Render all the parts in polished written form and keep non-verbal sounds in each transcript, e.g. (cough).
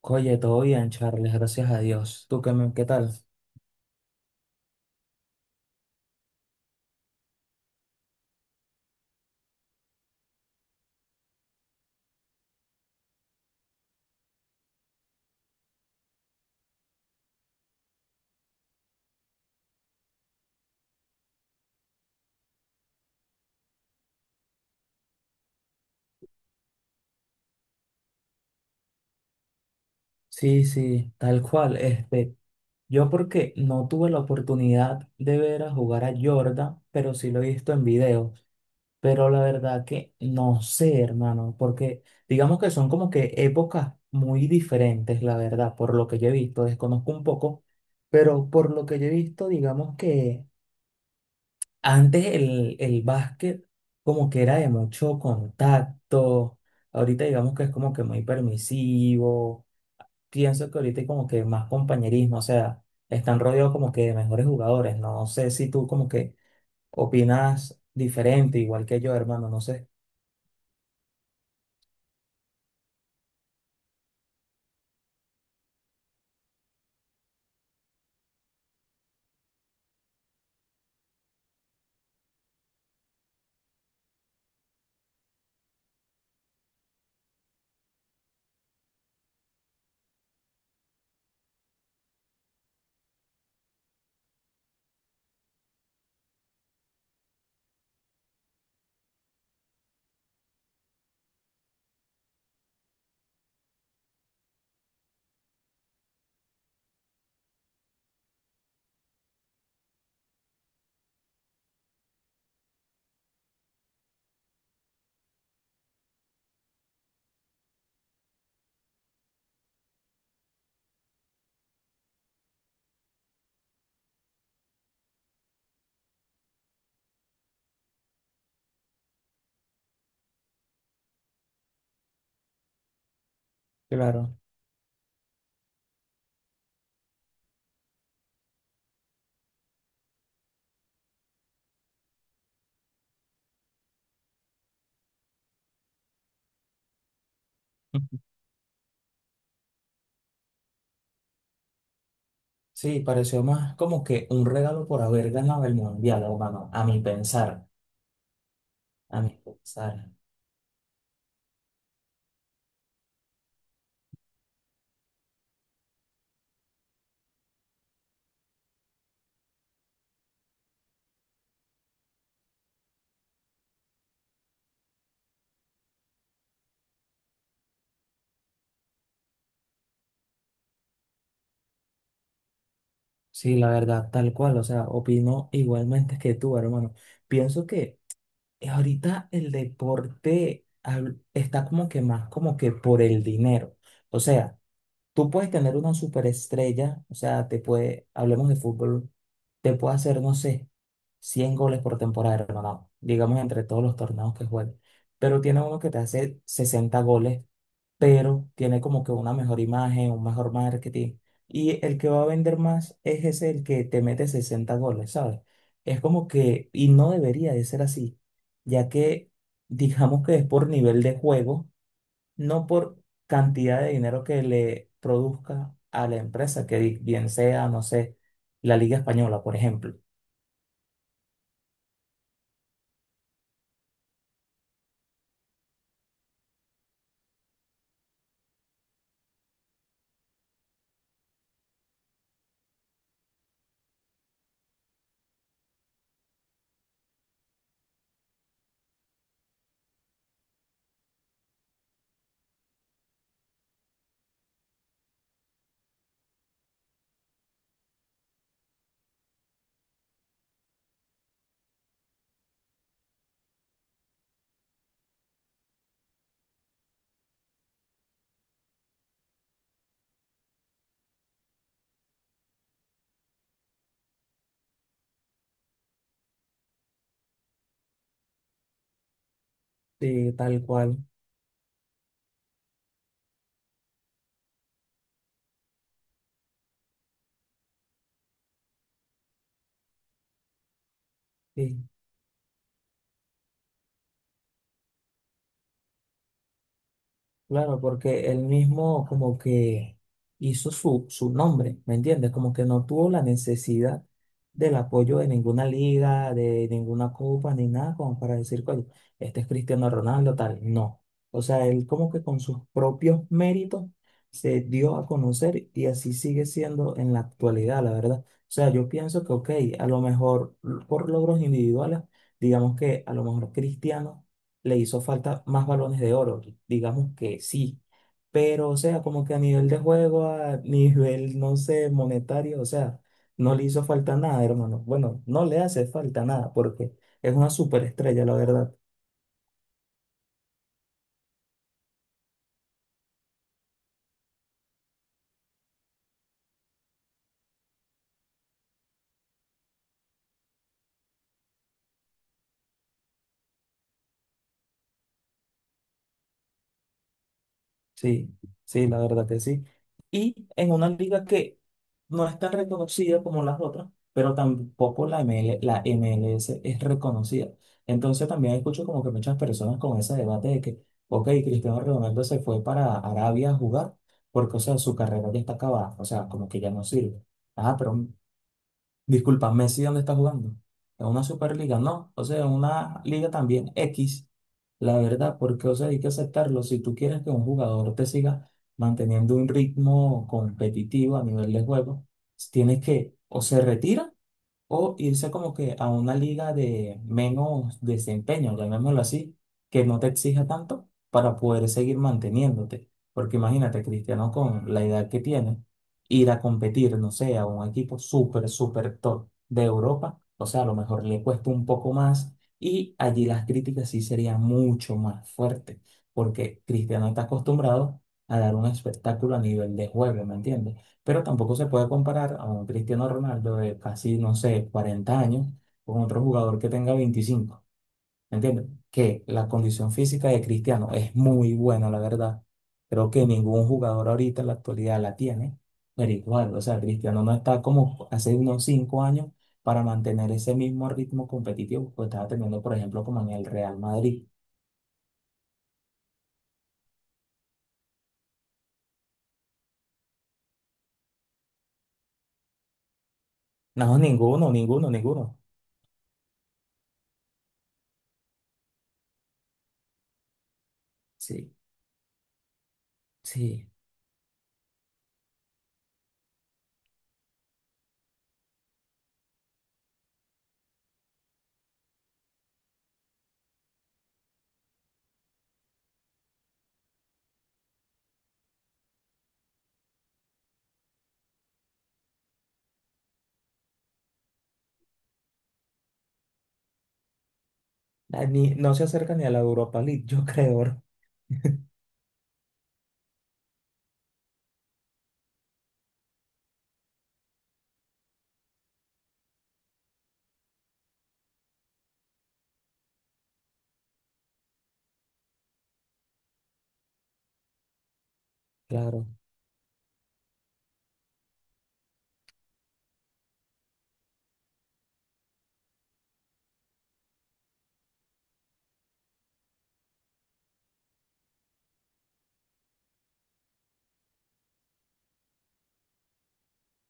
Oye, todo bien, Charles, gracias a Dios. ¿Tú qué, qué tal? Sí, sí, tal cual. Este, yo porque no tuve la oportunidad de ver a jugar a Jordan, pero sí lo he visto en videos. Pero la verdad que no sé, hermano, porque digamos que son como que épocas muy diferentes, la verdad, por lo que yo he visto, desconozco un poco, pero por lo que yo he visto, digamos que antes el básquet como que era de mucho contacto. Ahorita digamos que es como que muy permisivo. Pienso que ahorita hay como que más compañerismo, o sea, están rodeados como que de mejores jugadores. No sé si tú como que opinas diferente, igual que yo, hermano, no sé, claro. Ujú. Sí, pareció más como que un regalo por haber ganado el mundial, hermano, a mi pensar, a mi pensar. Sí, la verdad, tal cual, o sea, opino igualmente que tú, hermano. Pienso que ahorita el deporte está como que más como que por el dinero. O sea, tú puedes tener una superestrella, o sea, te puede, hablemos de fútbol, te puede hacer, no sé, 100 goles por temporada, hermano, digamos entre todos los torneos que juegue, pero tiene uno que te hace 60 goles, pero tiene como que una mejor imagen, un mejor marketing, y el que va a vender más es ese, el que te mete 60 goles, ¿sabes? Es como que, y no debería de ser así, ya que (laughs) digamos que es por nivel de juego, no por cantidad de dinero que le produzca a la empresa, que bien sea, no sé, la Liga Española, por ejemplo. Sí, tal cual. Sí. Claro, porque él mismo como que hizo su nombre, ¿me entiendes? Como que no tuvo la necesidad del apoyo de ninguna liga, de ninguna copa, ni nada como para decir, oye, este es Cristiano Ronaldo, tal. No. O sea, él como que con sus propios méritos se dio a conocer y así sigue siendo en la actualidad, la verdad. O sea, yo pienso que, ok, a lo mejor por logros individuales, digamos que a lo mejor Cristiano le hizo falta más balones de oro, digamos que sí, pero o sea, como que a nivel de juego, a nivel, no sé, monetario, o sea, no le hizo falta nada, hermano. Bueno, no le hace falta nada porque es una superestrella, la verdad. Sí, sí, la verdad que sí. Y en una liga que no es tan reconocida como las otras, pero tampoco la MLS es reconocida. Entonces también escucho como que muchas personas con ese debate de que, ok, Cristiano Ronaldo se fue para Arabia a jugar porque, o sea, su carrera ya está acabada, o sea, como que ya no sirve. Ah, pero disculpa, Messi, ¿dónde está jugando? En una Superliga, no. O sea, en una liga también X, la verdad, porque, o sea, hay que aceptarlo. Si tú quieres que un jugador te siga manteniendo un ritmo competitivo a nivel de juego, tienes que o se retira o irse como que a una liga de menos desempeño, llamémoslo así, que no te exija tanto para poder seguir manteniéndote. Porque imagínate, Cristiano, con la edad que tiene, ir a competir, no sé, a un equipo súper, súper top de Europa, o sea, a lo mejor le cuesta un poco más y allí las críticas sí serían mucho más fuertes, porque Cristiano está acostumbrado a dar un espectáculo a nivel de juego, ¿me entiendes? Pero tampoco se puede comparar a un Cristiano Ronaldo de casi, no sé, 40 años con otro jugador que tenga 25, ¿me entiendes? Que la condición física de Cristiano es muy buena, la verdad. Creo que ningún jugador ahorita en la actualidad la tiene. Pero igual, o sea, Cristiano no está como hace unos 5 años para mantener ese mismo ritmo competitivo que estaba teniendo, por ejemplo, como en el Real Madrid. No, ninguno, ninguno, ninguno. Sí, sí. Ah, no se acerca ni a la Europa League, (laughs) yo creo. Claro.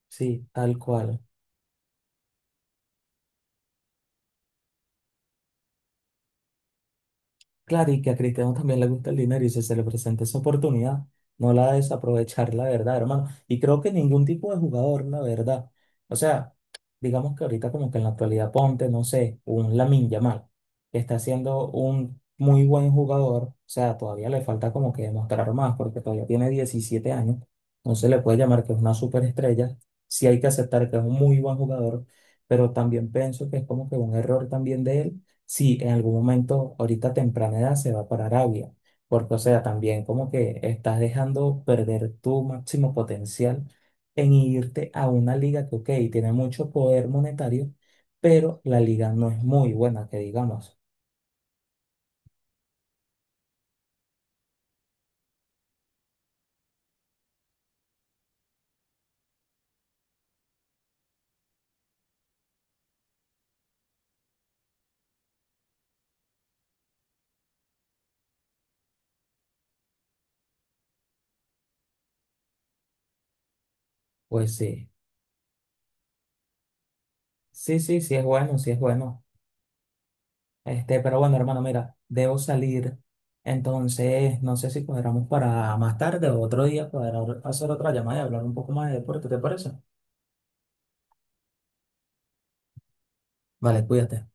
Sí, tal cual. Claro, y que a Cristiano también le gusta el dinero y si se le presenta esa oportunidad, no la desaprovechar, la verdad, hermano. Y creo que ningún tipo de jugador, la verdad. O sea, digamos que ahorita como que en la actualidad ponte, no sé, un Lamine Yamal, que está siendo un muy buen jugador, o sea, todavía le falta como que demostrar más porque todavía tiene 17 años. No se le puede llamar que es una superestrella, sí hay que aceptar que es un muy buen jugador, pero también pienso que es como que un error también de él si en algún momento, ahorita a temprana edad, se va para Arabia. Porque, o sea, también como que estás dejando perder tu máximo potencial en irte a una liga que, ok, tiene mucho poder monetario, pero la liga no es muy buena, que digamos. Pues sí, sí, sí, sí es bueno, sí es bueno. Este, pero bueno, hermano, mira, debo salir. Entonces, no sé si cuadramos para más tarde o otro día, poder hacer otra llamada y hablar un poco más de deporte, ¿te parece? Vale, cuídate.